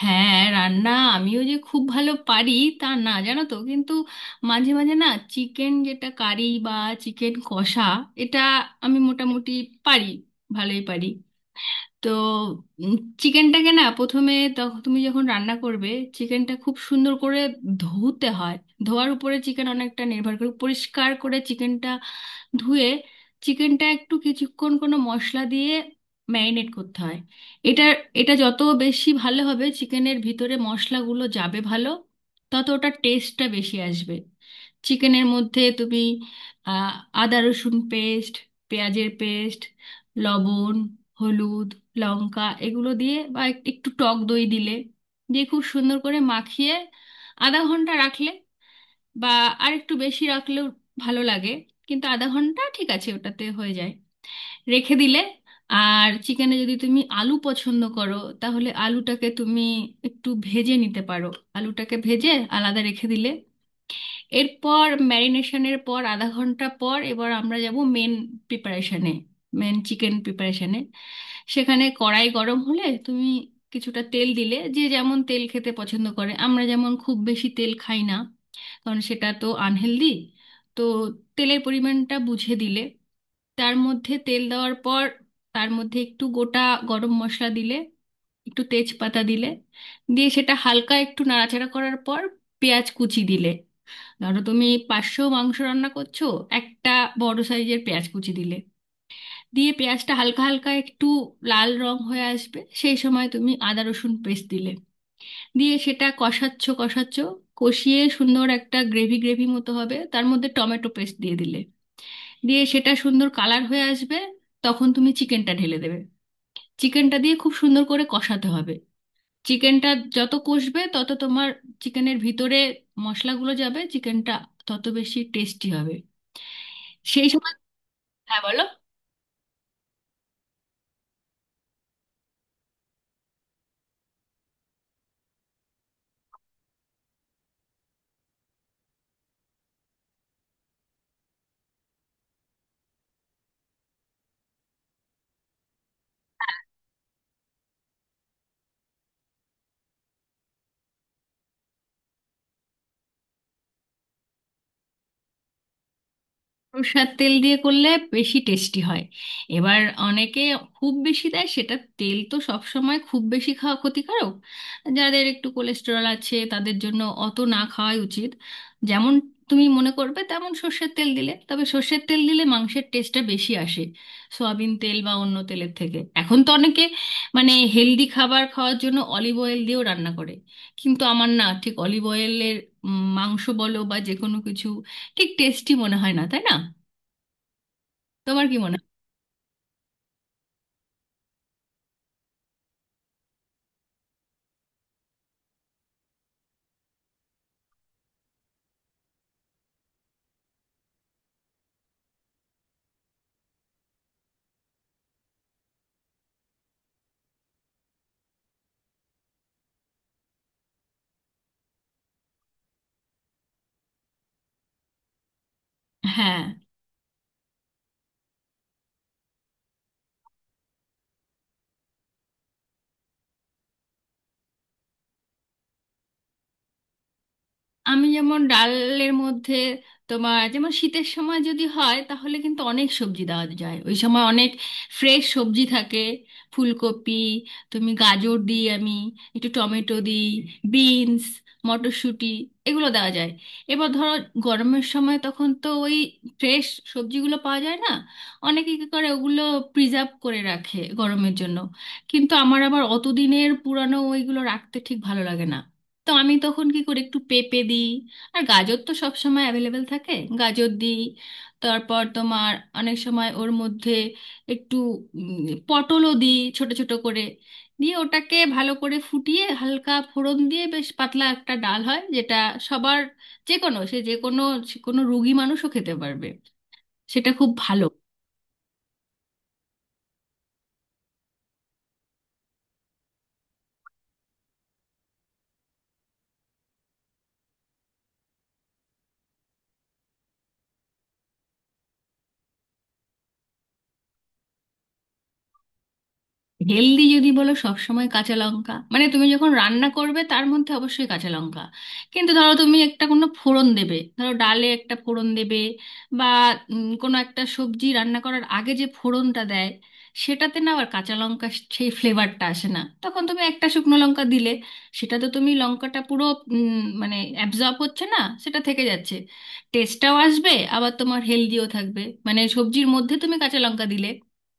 হ্যাঁ, রান্না আমিও যে খুব ভালো পারি তা না, জানো তো, কিন্তু মাঝে মাঝে না চিকেন যেটা কারি বা চিকেন কষা এটা আমি মোটামুটি পারি, ভালোই পারি। তো চিকেনটাকে না প্রথমে, তখন তুমি যখন রান্না করবে চিকেনটা খুব সুন্দর করে ধুতে হয়। ধোয়ার উপরে চিকেন অনেকটা নির্ভর করে। পরিষ্কার করে চিকেনটা ধুয়ে চিকেনটা একটু কিছুক্ষণ কোনো মশলা দিয়ে ম্যারিনেট করতে হয়। এটা এটা যত বেশি ভালো হবে, চিকেনের ভিতরে মশলাগুলো যাবে ভালো, তত ওটার টেস্টটা বেশি আসবে। চিকেনের মধ্যে তুমি আহ, আদা রসুন পেস্ট, পেঁয়াজের পেস্ট, লবণ, হলুদ, লঙ্কা এগুলো দিয়ে বা একটু টক দই দিলে, দিয়ে খুব সুন্দর করে মাখিয়ে আধা ঘন্টা রাখলে বা আর একটু বেশি রাখলেও ভালো লাগে, কিন্তু আধা ঘন্টা ঠিক আছে, ওটাতে হয়ে যায় রেখে দিলে। আর চিকেনে যদি তুমি আলু পছন্দ করো তাহলে আলুটাকে তুমি একটু ভেজে নিতে পারো। আলুটাকে ভেজে আলাদা রেখে দিলে এরপর ম্যারিনেশনের পর আধা ঘন্টা পর এবার আমরা যাব মেন প্রিপারেশনে, মেন চিকেন প্রিপারেশনে। সেখানে কড়াই গরম হলে তুমি কিছুটা তেল দিলে, যে যেমন তেল খেতে পছন্দ করে, আমরা যেমন খুব বেশি তেল খাই না, কারণ সেটা তো আনহেলদি। তো তেলের পরিমাণটা বুঝে দিলে, তার মধ্যে তেল দেওয়ার পর তার মধ্যে একটু গোটা গরম মশলা দিলে, একটু তেজপাতা দিলে, দিয়ে সেটা হালকা একটু নাড়াচাড়া করার পর পেঁয়াজ কুচি দিলে। ধরো তুমি 500 মাংস রান্না করছো, একটা বড় সাইজের পেঁয়াজ কুচি দিলে, দিয়ে পেঁয়াজটা হালকা হালকা একটু লাল রং হয়ে আসবে, সেই সময় তুমি আদা রসুন পেস্ট দিলে, দিয়ে সেটা কষাচ্ছ কষাচ্ছ কষিয়ে সুন্দর একটা গ্রেভি গ্রেভি মতো হবে, তার মধ্যে টমেটো পেস্ট দিয়ে দিলে, দিয়ে সেটা সুন্দর কালার হয়ে আসবে। তখন তুমি চিকেনটা ঢেলে দেবে, চিকেনটা দিয়ে খুব সুন্দর করে কষাতে হবে চিকেনটা। যত কষবে তত তোমার চিকেনের ভিতরে মশলাগুলো যাবে, চিকেনটা তত বেশি টেস্টি হবে। সেই সময় হ্যাঁ বলো। সরষের তেল দিয়ে করলে বেশি টেস্টি হয়। এবার অনেকে খুব বেশি দেয় সেটা, তেল তো সব সময় খুব বেশি খাওয়া ক্ষতিকারক, যাদের একটু কোলেস্টেরল আছে তাদের জন্য অত না খাওয়াই উচিত। যেমন তুমি মনে করবে তেমন সর্ষের তেল দিলে, তবে সর্ষের তেল দিলে মাংসের টেস্টটা বেশি আসে সয়াবিন তেল বা অন্য তেলের থেকে। এখন তো অনেকে মানে হেলদি খাবার খাওয়ার জন্য অলিভ অয়েল দিয়েও রান্না করে, কিন্তু আমার না ঠিক অলিভ অয়েলের মাংস বলো বা যে কোনো কিছু ঠিক টেস্টি মনে হয় না, তাই না? তোমার কি মনে হয়? হ্যাঁ, আমি যেমন ডালের মধ্যে তোমার যেমন শীতের সময় যদি হয় তাহলে কিন্তু অনেক সবজি দেওয়া যায়, ওই সময় অনেক ফ্রেশ সবজি থাকে। ফুলকপি, তুমি গাজর দিই আমি, একটু টমেটো দিই, বিনস, মটরশুঁটি এগুলো দেওয়া যায়। এবার ধরো গরমের সময় তখন তো ওই ফ্রেশ সবজিগুলো পাওয়া যায় না। অনেকে কী করে ওগুলো প্রিজার্ভ করে রাখে গরমের জন্য, কিন্তু আমার আবার অতদিনের পুরানো ওইগুলো রাখতে ঠিক ভালো লাগে না। তো আমি তখন কি করি একটু পেঁপে দিই, আর গাজর তো সব সময় অ্যাভেলেবেল থাকে, গাজর দিই। তারপর তোমার অনেক সময় ওর মধ্যে একটু পটলও দিই ছোট ছোট করে, দিয়ে ওটাকে ভালো করে ফুটিয়ে হালকা ফোড়ন দিয়ে বেশ পাতলা একটা ডাল হয় যেটা সবার, যে কোনো রুগী মানুষও খেতে পারবে, সেটা খুব ভালো। হেলদি যদি বলো সবসময় কাঁচা লঙ্কা, মানে তুমি যখন রান্না করবে তার মধ্যে অবশ্যই কাঁচা লঙ্কা। কিন্তু ধরো তুমি একটা কোনো ফোড়ন দেবে, ধরো ডালে একটা ফোড়ন দেবে বা কোনো একটা সবজি রান্না করার আগে যে ফোড়নটা দেয়, সেটাতে না আবার কাঁচা লঙ্কা সেই ফ্লেভারটা আসে না, তখন তুমি একটা শুকনো লঙ্কা দিলে সেটা তো তুমি লঙ্কাটা পুরো মানে অ্যাবজর্ব হচ্ছে না, সেটা থেকে যাচ্ছে, টেস্টটাও আসবে আবার তোমার হেলদিও থাকবে। মানে সবজির মধ্যে তুমি কাঁচা লঙ্কা দিলে,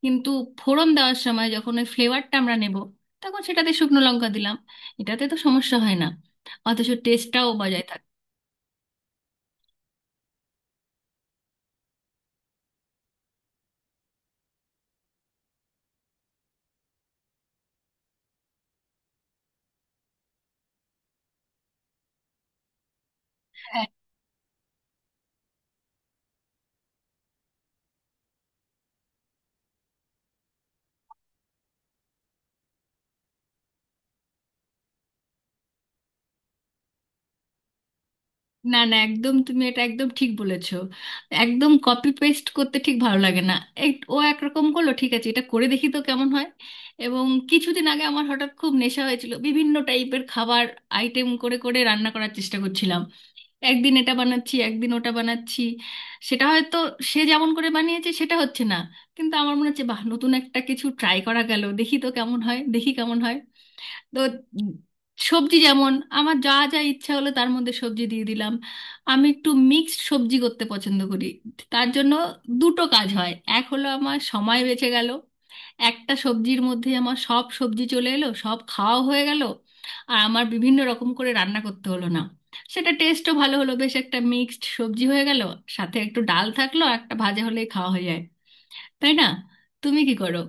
কিন্তু ফোড়ন দেওয়ার সময় যখন ওই ফ্লেভারটা আমরা নেব তখন সেটাতে শুকনো লঙ্কা দিলাম, এটাতে তো সমস্যা হয় না, অথচ টেস্টটাও বজায় থাকে। হ্যাঁ, না না, একদম তুমি এটা একদম ঠিক বলেছো, একদম কপি পেস্ট করতে ঠিক ভালো লাগে না। এই ও একরকম করলো, ঠিক আছে এটা করে দেখি তো কেমন হয়। এবং কিছুদিন আগে আমার হঠাৎ খুব নেশা হয়েছিল বিভিন্ন টাইপের খাবার আইটেম করে করে রান্না করার চেষ্টা করছিলাম। একদিন এটা বানাচ্ছি, একদিন ওটা বানাচ্ছি, সেটা হয়তো সে যেমন করে বানিয়েছে সেটা হচ্ছে না, কিন্তু আমার মনে হচ্ছে বাহ, নতুন একটা কিছু ট্রাই করা গেল, দেখি কেমন হয়। তো সবজি যেমন আমার যা যা ইচ্ছা হলো তার মধ্যে সবজি দিয়ে দিলাম। আমি একটু মিক্সড সবজি করতে পছন্দ করি। তার জন্য দুটো কাজ হয়, এক হলো আমার সময় বেঁচে গেল, একটা সবজির মধ্যে আমার সব সবজি চলে এলো, সব খাওয়া হয়ে গেল, আর আমার বিভিন্ন রকম করে রান্না করতে হলো না, সেটা টেস্টও ভালো হলো, বেশ একটা মিক্সড সবজি হয়ে গেল। সাথে একটু ডাল থাকলো আর একটা ভাজা হলেই খাওয়া হয়ে যায়, তাই না? তুমি কি করো?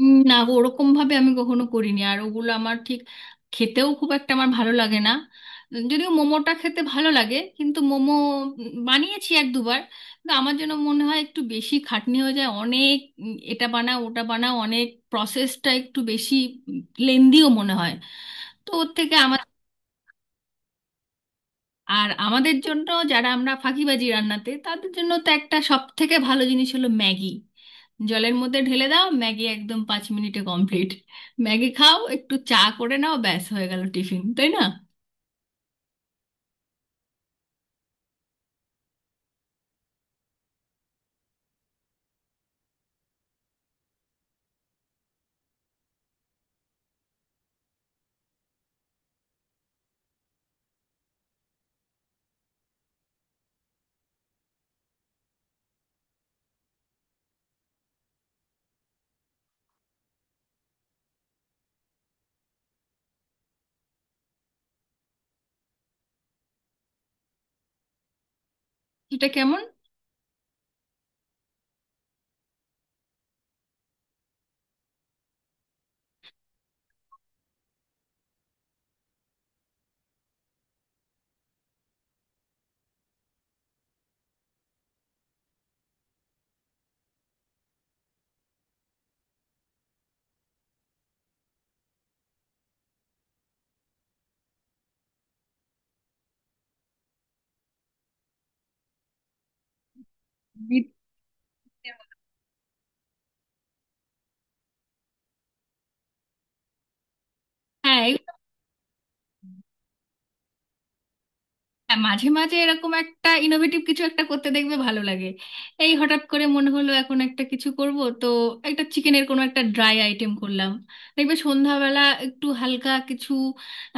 না, ওরকম ভাবে আমি কখনো করিনি, আর ওগুলো আমার ঠিক খেতেও খুব একটা আমার ভালো লাগে না। যদিও মোমোটা খেতে ভালো লাগে, কিন্তু মোমো বানিয়েছি এক দুবার, কিন্তু আমার যেন মনে হয় একটু বেশি খাটনি হয়ে যায় অনেক। এটা বানাও ওটা বানাও, অনেক প্রসেসটা একটু বেশি লেন্দিও মনে হয়। তো ওর থেকে আমার, আর আমাদের জন্য যারা আমরা ফাঁকিবাজি রান্নাতে তাদের জন্য তো একটা সব থেকে ভালো জিনিস হলো ম্যাগি। জলের মধ্যে ঢেলে দাও ম্যাগি, একদম 5 মিনিটে কমপ্লিট। ম্যাগি খাও, একটু চা করে নাও, ব্যাস হয়ে গেল টিফিন, তাই না? এটা কেমন? বি- হ্যাঁ এগুলো, হ্যাঁ মাঝে মাঝে এরকম একটা ইনোভেটিভ কিছু একটা করতে দেখবে ভালো লাগে। এই হঠাৎ করে মনে হলো এখন একটা কিছু করব, তো একটা চিকেনের কোনো একটা ড্রাই আইটেম করলাম, দেখবে সন্ধ্যাবেলা একটু হালকা কিছু,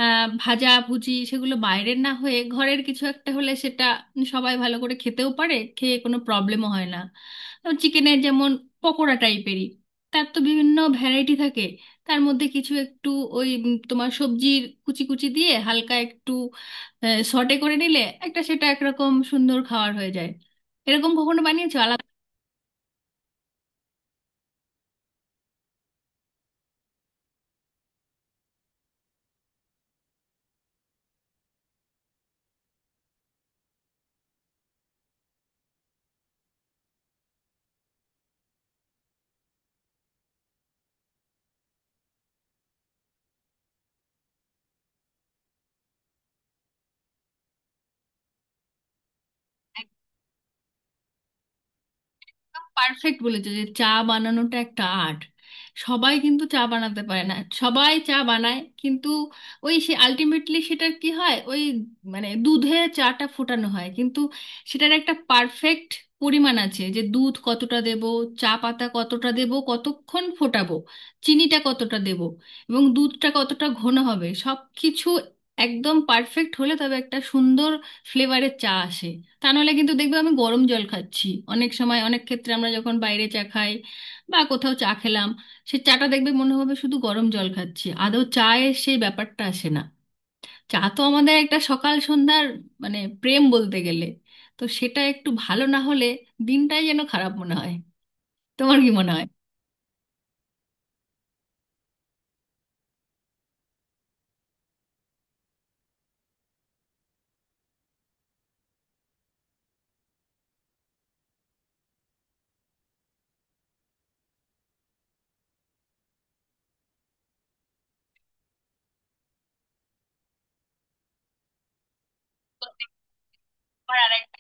আহ ভাজা ভুজি, সেগুলো বাইরের না হয়ে ঘরের কিছু একটা হলে সেটা সবাই ভালো করে খেতেও পারে, খেয়ে কোনো প্রবলেমও হয় না। চিকেনের যেমন পকোড়া টাইপেরই, তার তো বিভিন্ন ভ্যারাইটি থাকে। তার মধ্যে কিছু একটু ওই তোমার সবজির কুচি কুচি দিয়ে হালকা একটু শর্টে করে নিলে একটা সেটা একরকম সুন্দর খাবার হয়ে যায়। এরকম কখনো বানিয়েছো? পারফেক্ট বলেছো যে চা বানানোটা একটা আর্ট। সবাই কিন্তু চা বানাতে পারে না, সবাই চা বানায়, কিন্তু ওই সে আলটিমেটলি সেটার কি হয়, ওই মানে দুধে চাটা ফোটানো হয়, কিন্তু সেটার একটা পারফেক্ট পরিমাণ আছে যে দুধ কতটা দেব, চা পাতা কতটা দেব, কতক্ষণ ফোটাবো, চিনিটা কতটা দেব, এবং দুধটা কতটা ঘন হবে, সব কিছু একদম পারফেক্ট হলে তবে একটা সুন্দর ফ্লেভারের চা আসে। তা নাহলে কিন্তু দেখবে আমি গরম জল খাচ্ছি। অনেক সময় অনেক ক্ষেত্রে আমরা যখন বাইরে চা খাই বা কোথাও চা খেলাম, সে চাটা দেখবে মনে হবে শুধু গরম জল খাচ্ছি, আদৌ চায়ের সেই ব্যাপারটা আসে না। চা তো আমাদের একটা সকাল সন্ধ্যার মানে প্রেম বলতে গেলে, তো সেটা একটু ভালো না হলে দিনটাই যেন খারাপ মনে হয়। তোমার কি মনে হয়? আমার আরেকটা